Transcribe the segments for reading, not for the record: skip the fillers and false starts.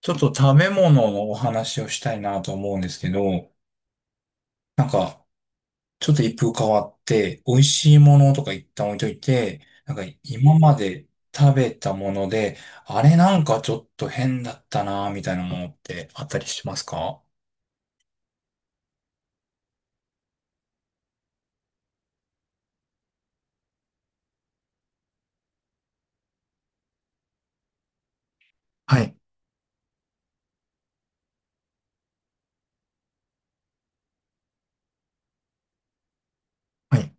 ちょっと食べ物のお話をしたいなと思うんですけど、なんか、ちょっと一風変わって、美味しいものとか一旦置いといて、今まで食べたもので、あれなんかちょっと変だったなみたいなものってあったりしますか？はい。はい。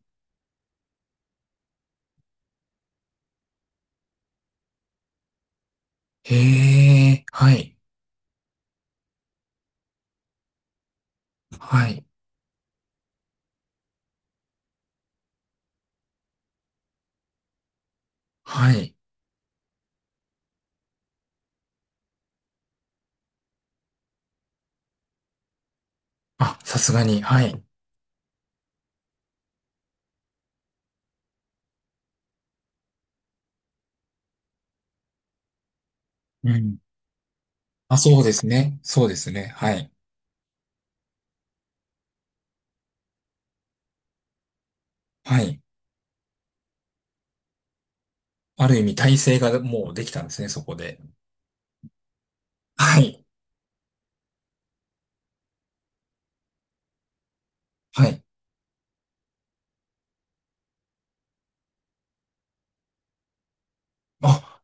へえ、はい。はい。はい。あ、さすがに。はい。うん。あ、そうですね。そうですね。はい。はい。ある意味体制がもうできたんですね、そこで。はい。はい。あ、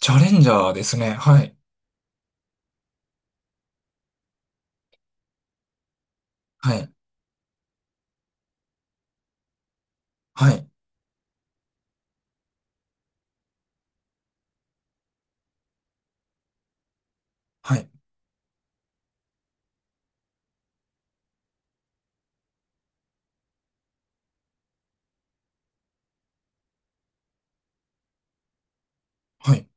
チャレンジャーですね。はい。はい。はい。はい。はい。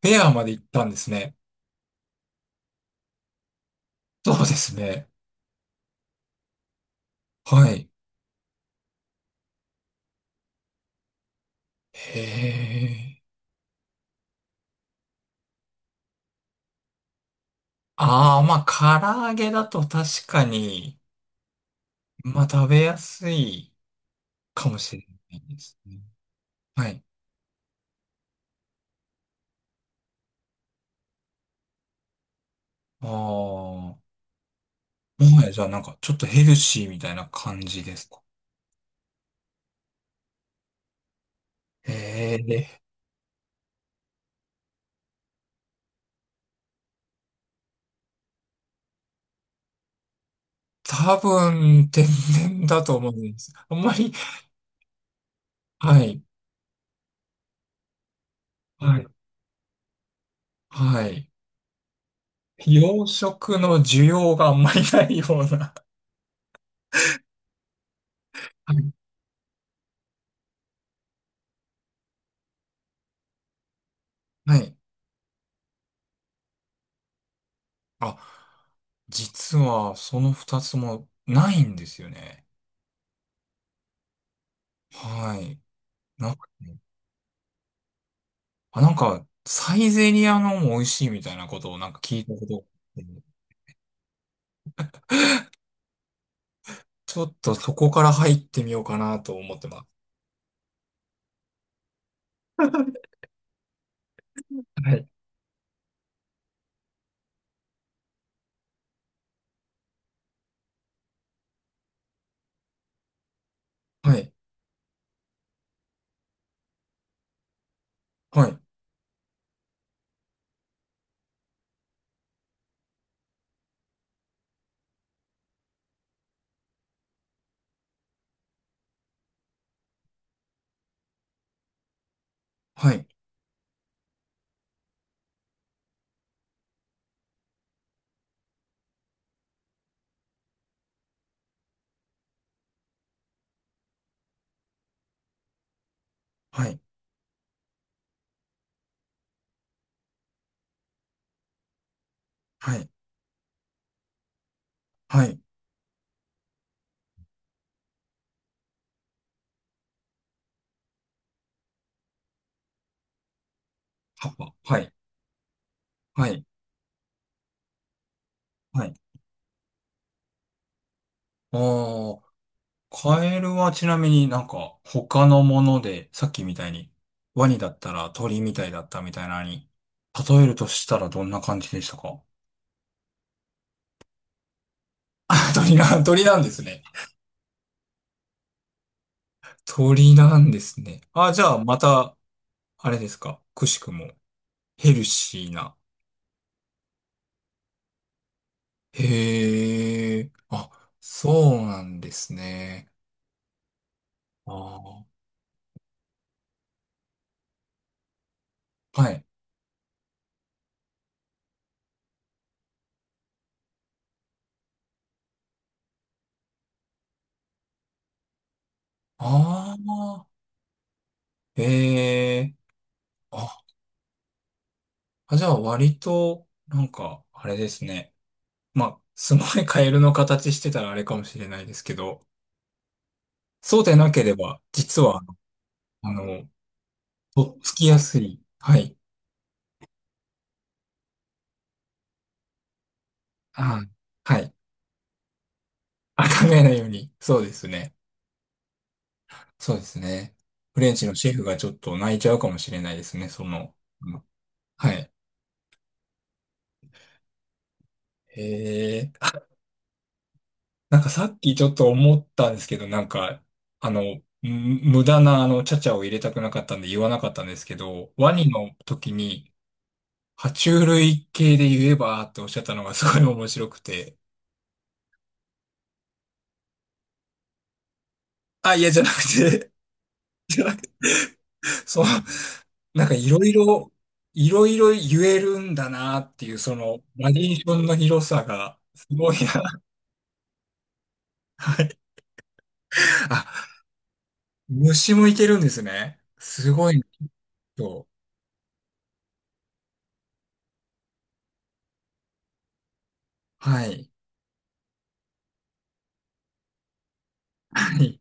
ペアまで行ったんですね。そうですね。はい。へえ。ああ、まあ、唐揚げだと確かに、まあ、食べやすいかもしれないですね。はい。ああ、もはやじゃあなんかちょっとヘルシーみたいな感じですか？へえ。多分、天然だと思うんです。あんまり、はい。はい。はい。洋食の需要があんまりないような。はい。はい。あ、実はその二つもないんですよね。はい。なんかね、あ、サイゼリアのも美味しいみたいなことを聞いたことがあって、ちょっとそこから入ってみようかなと思ってます。はい。はい。はい。はい。はい。はい。はい。はい。はい。はい。はい、はい、ああ。カエルはちなみに他のもので、さっきみたいにワニだったら鳥みたいだったみたいなのに、例えるとしたらどんな感じでしたか？あ、鳥な、鳥なんですね。鳥なんですね。あ、じゃあまた、あれですか。くしくもヘルシーな。へえ、あ、そうなんですね。ああ、はい。ああ、へえ、あ、あ、じゃあ割と、あれですね。まあ、すごいカエルの形してたらあれかもしれないですけど、そうでなければ、実は、あの、とっつきやすい。はい。あ、はい。あ、考えないように。そうですね。そうですね。フレンチのシェフがちょっと泣いちゃうかもしれないですね、その。うん、はい。へえ。なんかさっきちょっと思ったんですけど、無駄なあの、ちゃちゃを入れたくなかったんで言わなかったんですけど、ワニの時に、爬虫類系で言えばっておっしゃったのがすごい面白くて。あ、いや、じゃなくて、そう、いろいろ、いろいろ言えるんだなっていう、その、バリエーションの広さが、すごいな。はい。あ、虫もいけるんですね。すごいな、今日。はい。はい。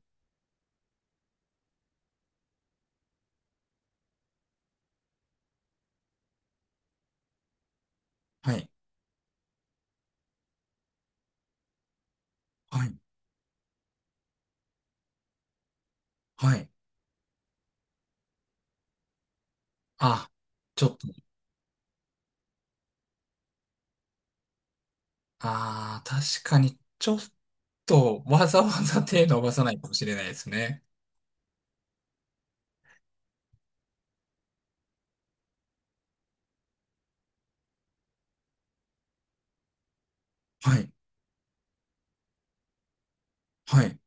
はい。はい。はい。あ、ちょっと、ああ、確かに、ちょっと、わざわざ手伸ばさないかもしれないですね。はい。はい。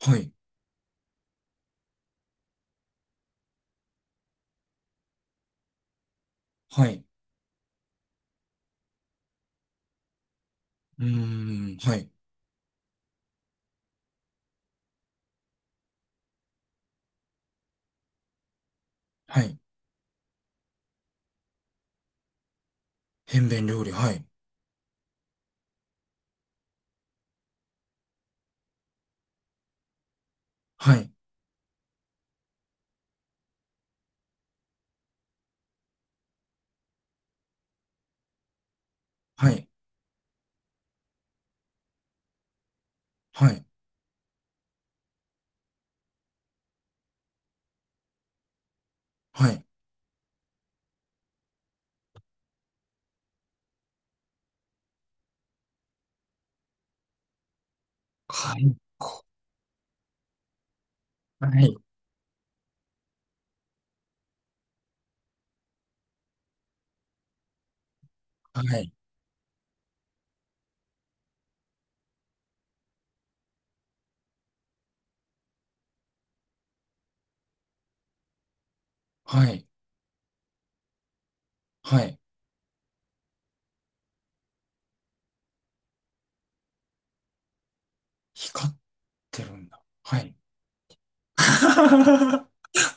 はい。はい。うーん、はい、はい。変弁料理、はい、はい、はい、はい、はい、はい、はい、はい、はい、はい。光ってるんだ。はい。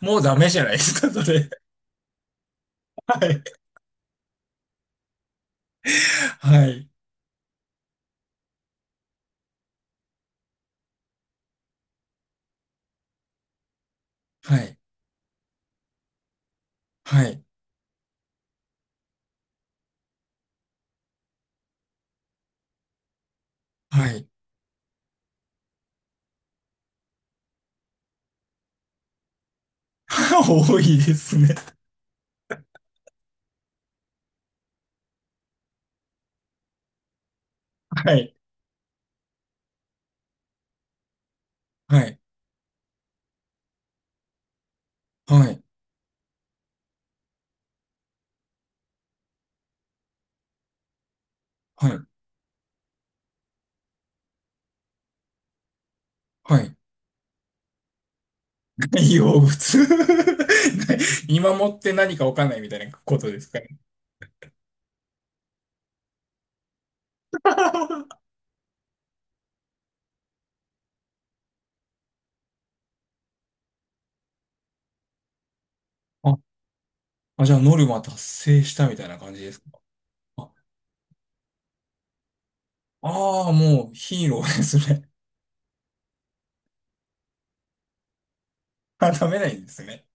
もうダメじゃないですか、それ。はい、はい、はい、はい、はい。多いですね。はい、はい、はい、はい、はい。海洋物 見守って何かわかんないみたいなことですかね。あ、じゃあノルマ達成したみたいな感じですか？あ、ああ、もうヒーローですね。あ、ダメないんですね。